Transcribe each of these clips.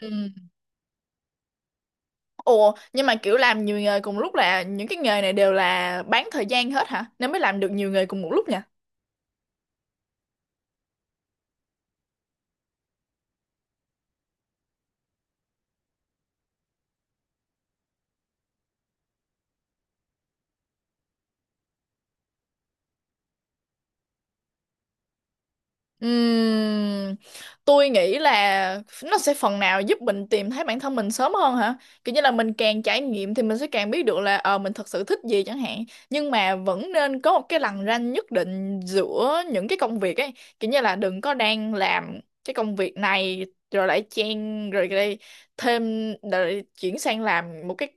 Ừ. Ủa, nhưng mà kiểu làm nhiều nghề cùng lúc là những cái nghề này đều là bán thời gian hết hả? Nên mới làm được nhiều nghề cùng một lúc nhỉ? Ừm, tôi nghĩ là nó sẽ phần nào giúp mình tìm thấy bản thân mình sớm hơn hả? Kiểu như là mình càng trải nghiệm thì mình sẽ càng biết được là mình thật sự thích gì chẳng hạn. Nhưng mà vẫn nên có một cái lằn ranh nhất định giữa những cái công việc ấy. Kiểu như là đừng có đang làm cái công việc này rồi lại chen rồi lại thêm rồi chuyển sang làm một cái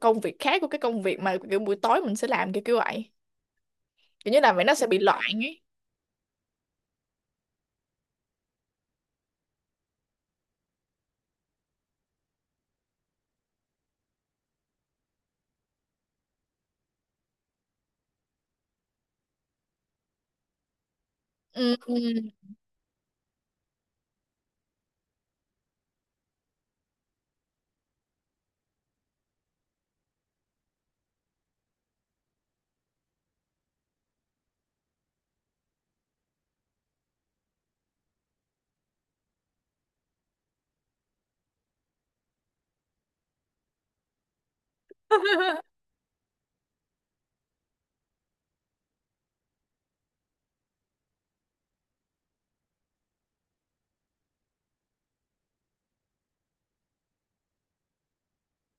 công việc khác, của cái công việc mà kiểu buổi tối mình sẽ làm, kiểu kiểu vậy. Kiểu như là vậy nó sẽ bị loạn ấy. Ừ, ừ.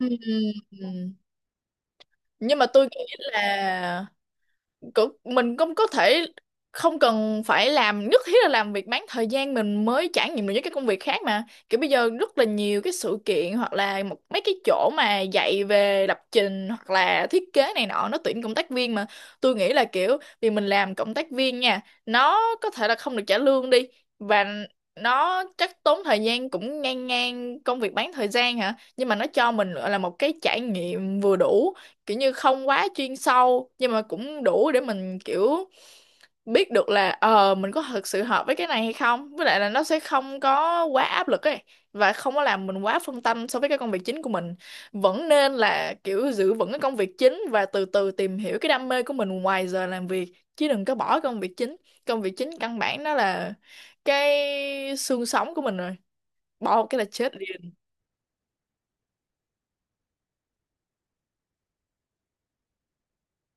Ừm, Nhưng mà tôi nghĩ là mình cũng có thể không cần phải làm nhất thiết là làm việc bán thời gian mình mới trải nghiệm được những cái công việc khác, mà kiểu bây giờ rất là nhiều cái sự kiện hoặc là một mấy cái chỗ mà dạy về lập trình hoặc là thiết kế này nọ nó tuyển cộng tác viên mà. Tôi nghĩ là kiểu vì mình làm cộng tác viên nha, nó có thể là không được trả lương đi, và nó chắc tốn thời gian cũng ngang ngang công việc bán thời gian hả, nhưng mà nó cho mình gọi là một cái trải nghiệm vừa đủ, kiểu như không quá chuyên sâu nhưng mà cũng đủ để mình kiểu biết được là mình có thực sự hợp với cái này hay không, với lại là nó sẽ không có quá áp lực ấy, và không có làm mình quá phân tâm so với cái công việc chính của mình. Vẫn nên là kiểu giữ vững cái công việc chính và từ từ tìm hiểu cái đam mê của mình ngoài giờ làm việc, chứ đừng có bỏ công việc chính. Công việc chính căn bản nó là cái xương sống của mình rồi, bỏ một cái là chết liền.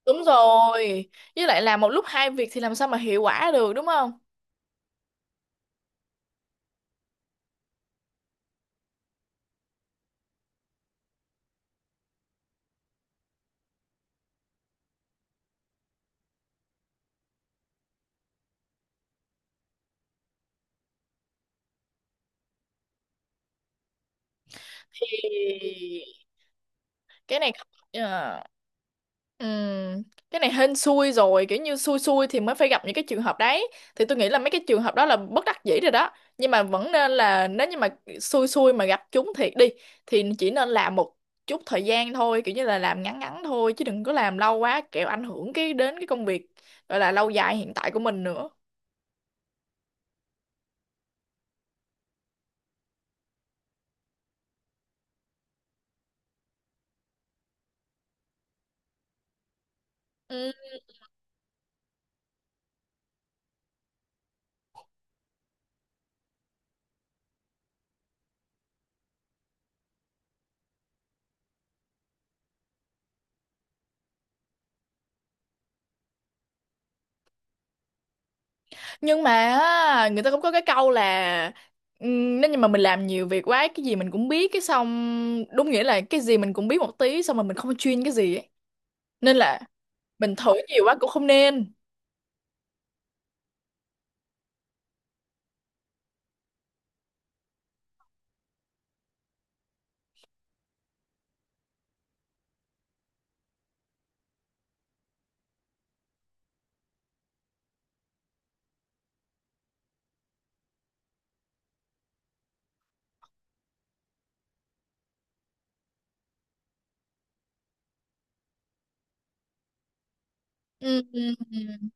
Đúng rồi, với lại làm một lúc hai việc thì làm sao mà hiệu quả được, đúng không? Ê, cái này Ờ, ừm, cái này hên xui rồi, kiểu như xui xui thì mới phải gặp những cái trường hợp đấy. Thì tôi nghĩ là mấy cái trường hợp đó là bất đắc dĩ rồi đó, nhưng mà vẫn nên là nếu như mà xui xui mà gặp chúng thiệt đi thì chỉ nên làm một chút thời gian thôi, kiểu như là làm ngắn ngắn thôi chứ đừng có làm lâu quá kẻo ảnh hưởng cái đến cái công việc gọi là lâu dài hiện tại của mình nữa. Nhưng mà á, người ta cũng có cái câu là nếu như mà mình làm nhiều việc quá, cái gì mình cũng biết, cái xong đúng nghĩa là cái gì mình cũng biết một tí xong mà mình không chuyên cái gì ấy. Nên là mình thử nhiều quá cũng không nên. Ừm, ừm, ừm.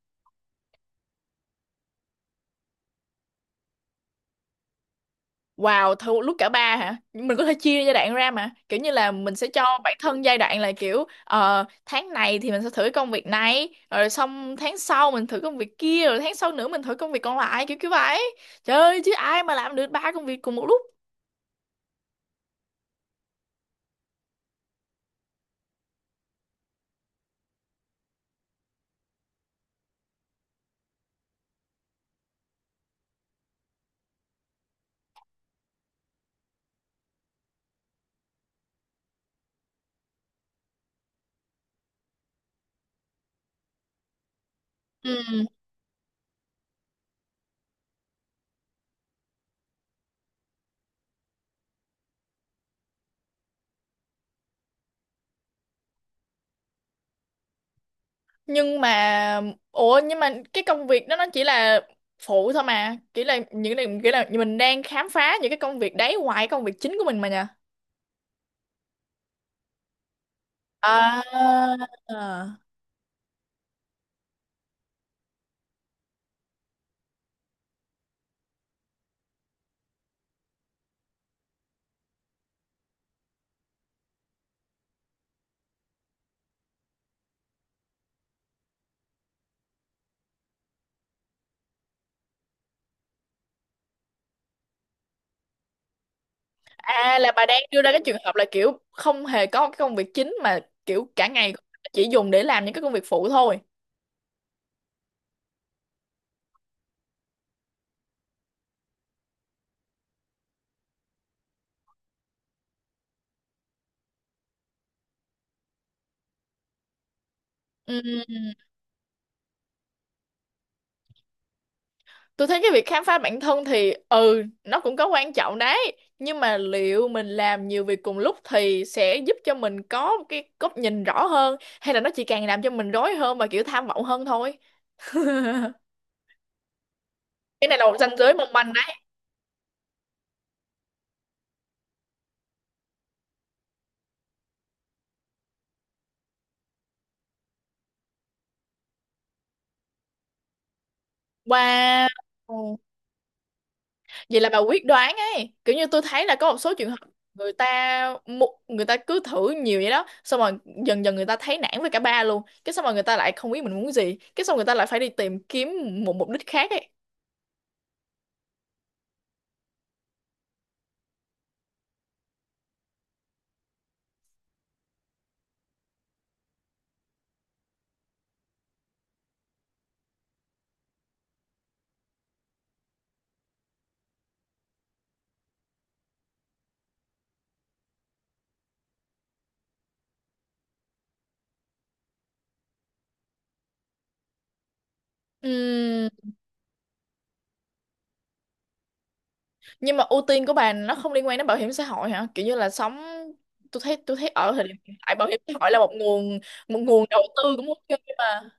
Wow, thử một lúc cả ba hả? Nhưng mình có thể chia giai đoạn ra mà, kiểu như là mình sẽ cho bản thân giai đoạn là kiểu tháng này thì mình sẽ thử cái công việc này, rồi xong tháng sau mình thử công việc kia, rồi tháng sau nữa mình thử công việc còn lại, kiểu kiểu vậy. Trời ơi chứ ai mà làm được ba công việc cùng một lúc? Ừ. Nhưng mà nhưng mà cái công việc đó nó chỉ là phụ thôi mà, chỉ là những cái kiểu là mình đang khám phá những cái công việc đấy ngoài công việc chính của mình mà nha. À, à, là bà đang đưa ra cái trường hợp là kiểu không hề có cái công việc chính, mà kiểu cả ngày chỉ dùng để làm những cái công việc phụ thôi. Ừ. Tôi thấy cái việc khám phá bản thân thì ừ nó cũng có quan trọng đấy, nhưng mà liệu mình làm nhiều việc cùng lúc thì sẽ giúp cho mình có một cái góc nhìn rõ hơn, hay là nó chỉ càng làm cho mình rối hơn và kiểu tham vọng hơn thôi? Cái này là một ranh giới mong manh đấy. Wow, vậy là bà quyết đoán ấy. Kiểu như tôi thấy là có một số trường hợp người ta người ta cứ thử nhiều vậy đó, xong rồi dần dần người ta thấy nản với cả ba luôn, cái xong rồi người ta lại không biết mình muốn gì, cái xong người ta lại phải đi tìm kiếm một mục đích khác ấy. Ừm, nhưng mà ưu tiên của bà nó không liên quan đến bảo hiểm xã hội hả? Kiểu như là sống, tôi thấy, tôi thấy ở thời điểm hiện tại bảo hiểm xã hội là một nguồn, một nguồn đầu tư cũng ok mà.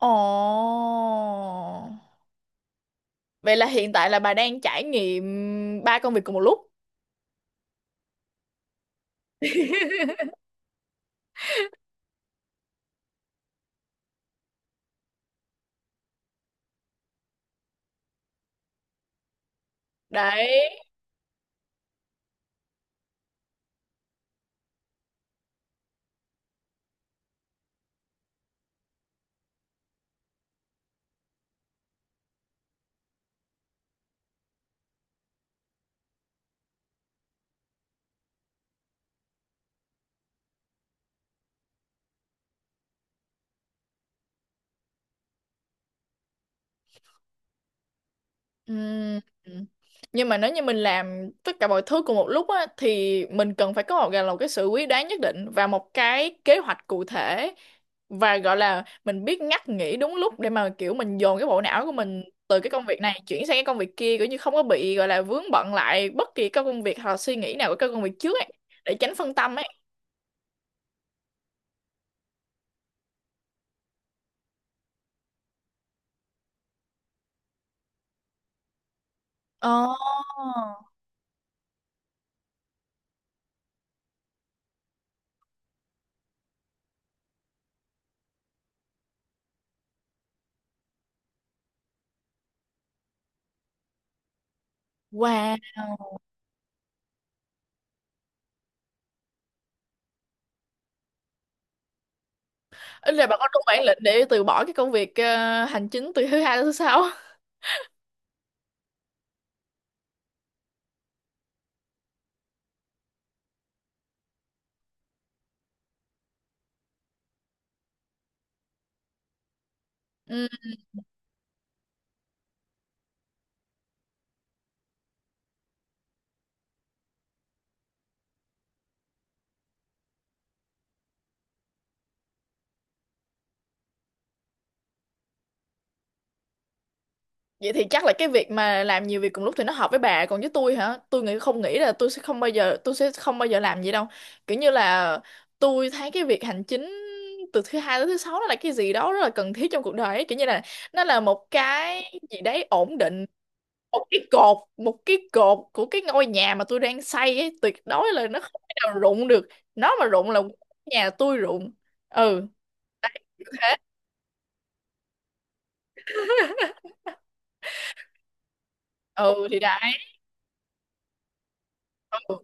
Ồ, vậy là hiện tại là bà đang trải nghiệm ba công việc cùng một lúc đấy. Ừm, Nhưng mà nếu như mình làm tất cả mọi thứ cùng một lúc á, thì mình cần phải có một, gọi là một cái sự quyết đoán nhất định và một cái kế hoạch cụ thể, và gọi là mình biết ngắt nghỉ đúng lúc để mà kiểu mình dồn cái bộ não của mình từ cái công việc này chuyển sang cái công việc kia, kiểu như không có bị gọi là vướng bận lại bất kỳ các công việc hoặc là suy nghĩ nào của các công việc trước ấy, để tránh phân tâm ấy. Ồ. Wow. Ý là bạn có đủ bản lĩnh để từ bỏ cái công việc hành chính từ thứ hai đến thứ sáu. Vậy thì chắc là cái việc mà làm nhiều việc cùng lúc thì nó hợp với bà, còn với tôi hả? Tôi nghĩ Không nghĩ là tôi sẽ không bao giờ, tôi sẽ không bao giờ làm gì đâu. Kiểu như là tôi thấy cái việc hành chính từ thứ hai tới thứ sáu nó là cái gì đó rất là cần thiết trong cuộc đời ấy. Kiểu như là nó là một cái gì đấy ổn định, một cái cột của cái ngôi nhà mà tôi đang xây ấy, tuyệt đối là nó không thể nào rụng được. Nó mà rụng là nhà tôi rụng. Ừ, đấy, như thế. Ừ thì đấy. Ừ,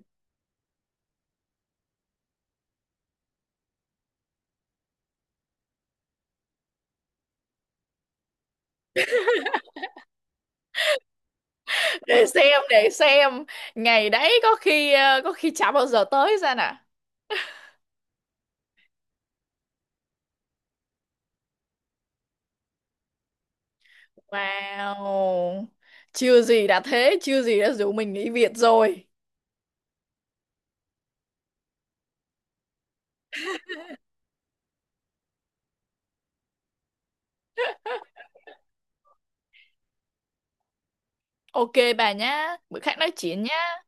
để xem, để xem ngày đấy, có khi chả bao giờ tới ra nè. Wow, chưa gì đã thế, chưa gì đã rủ mình nghỉ việc rồi. Ok bà nhá, bữa khác nói chuyện nhá.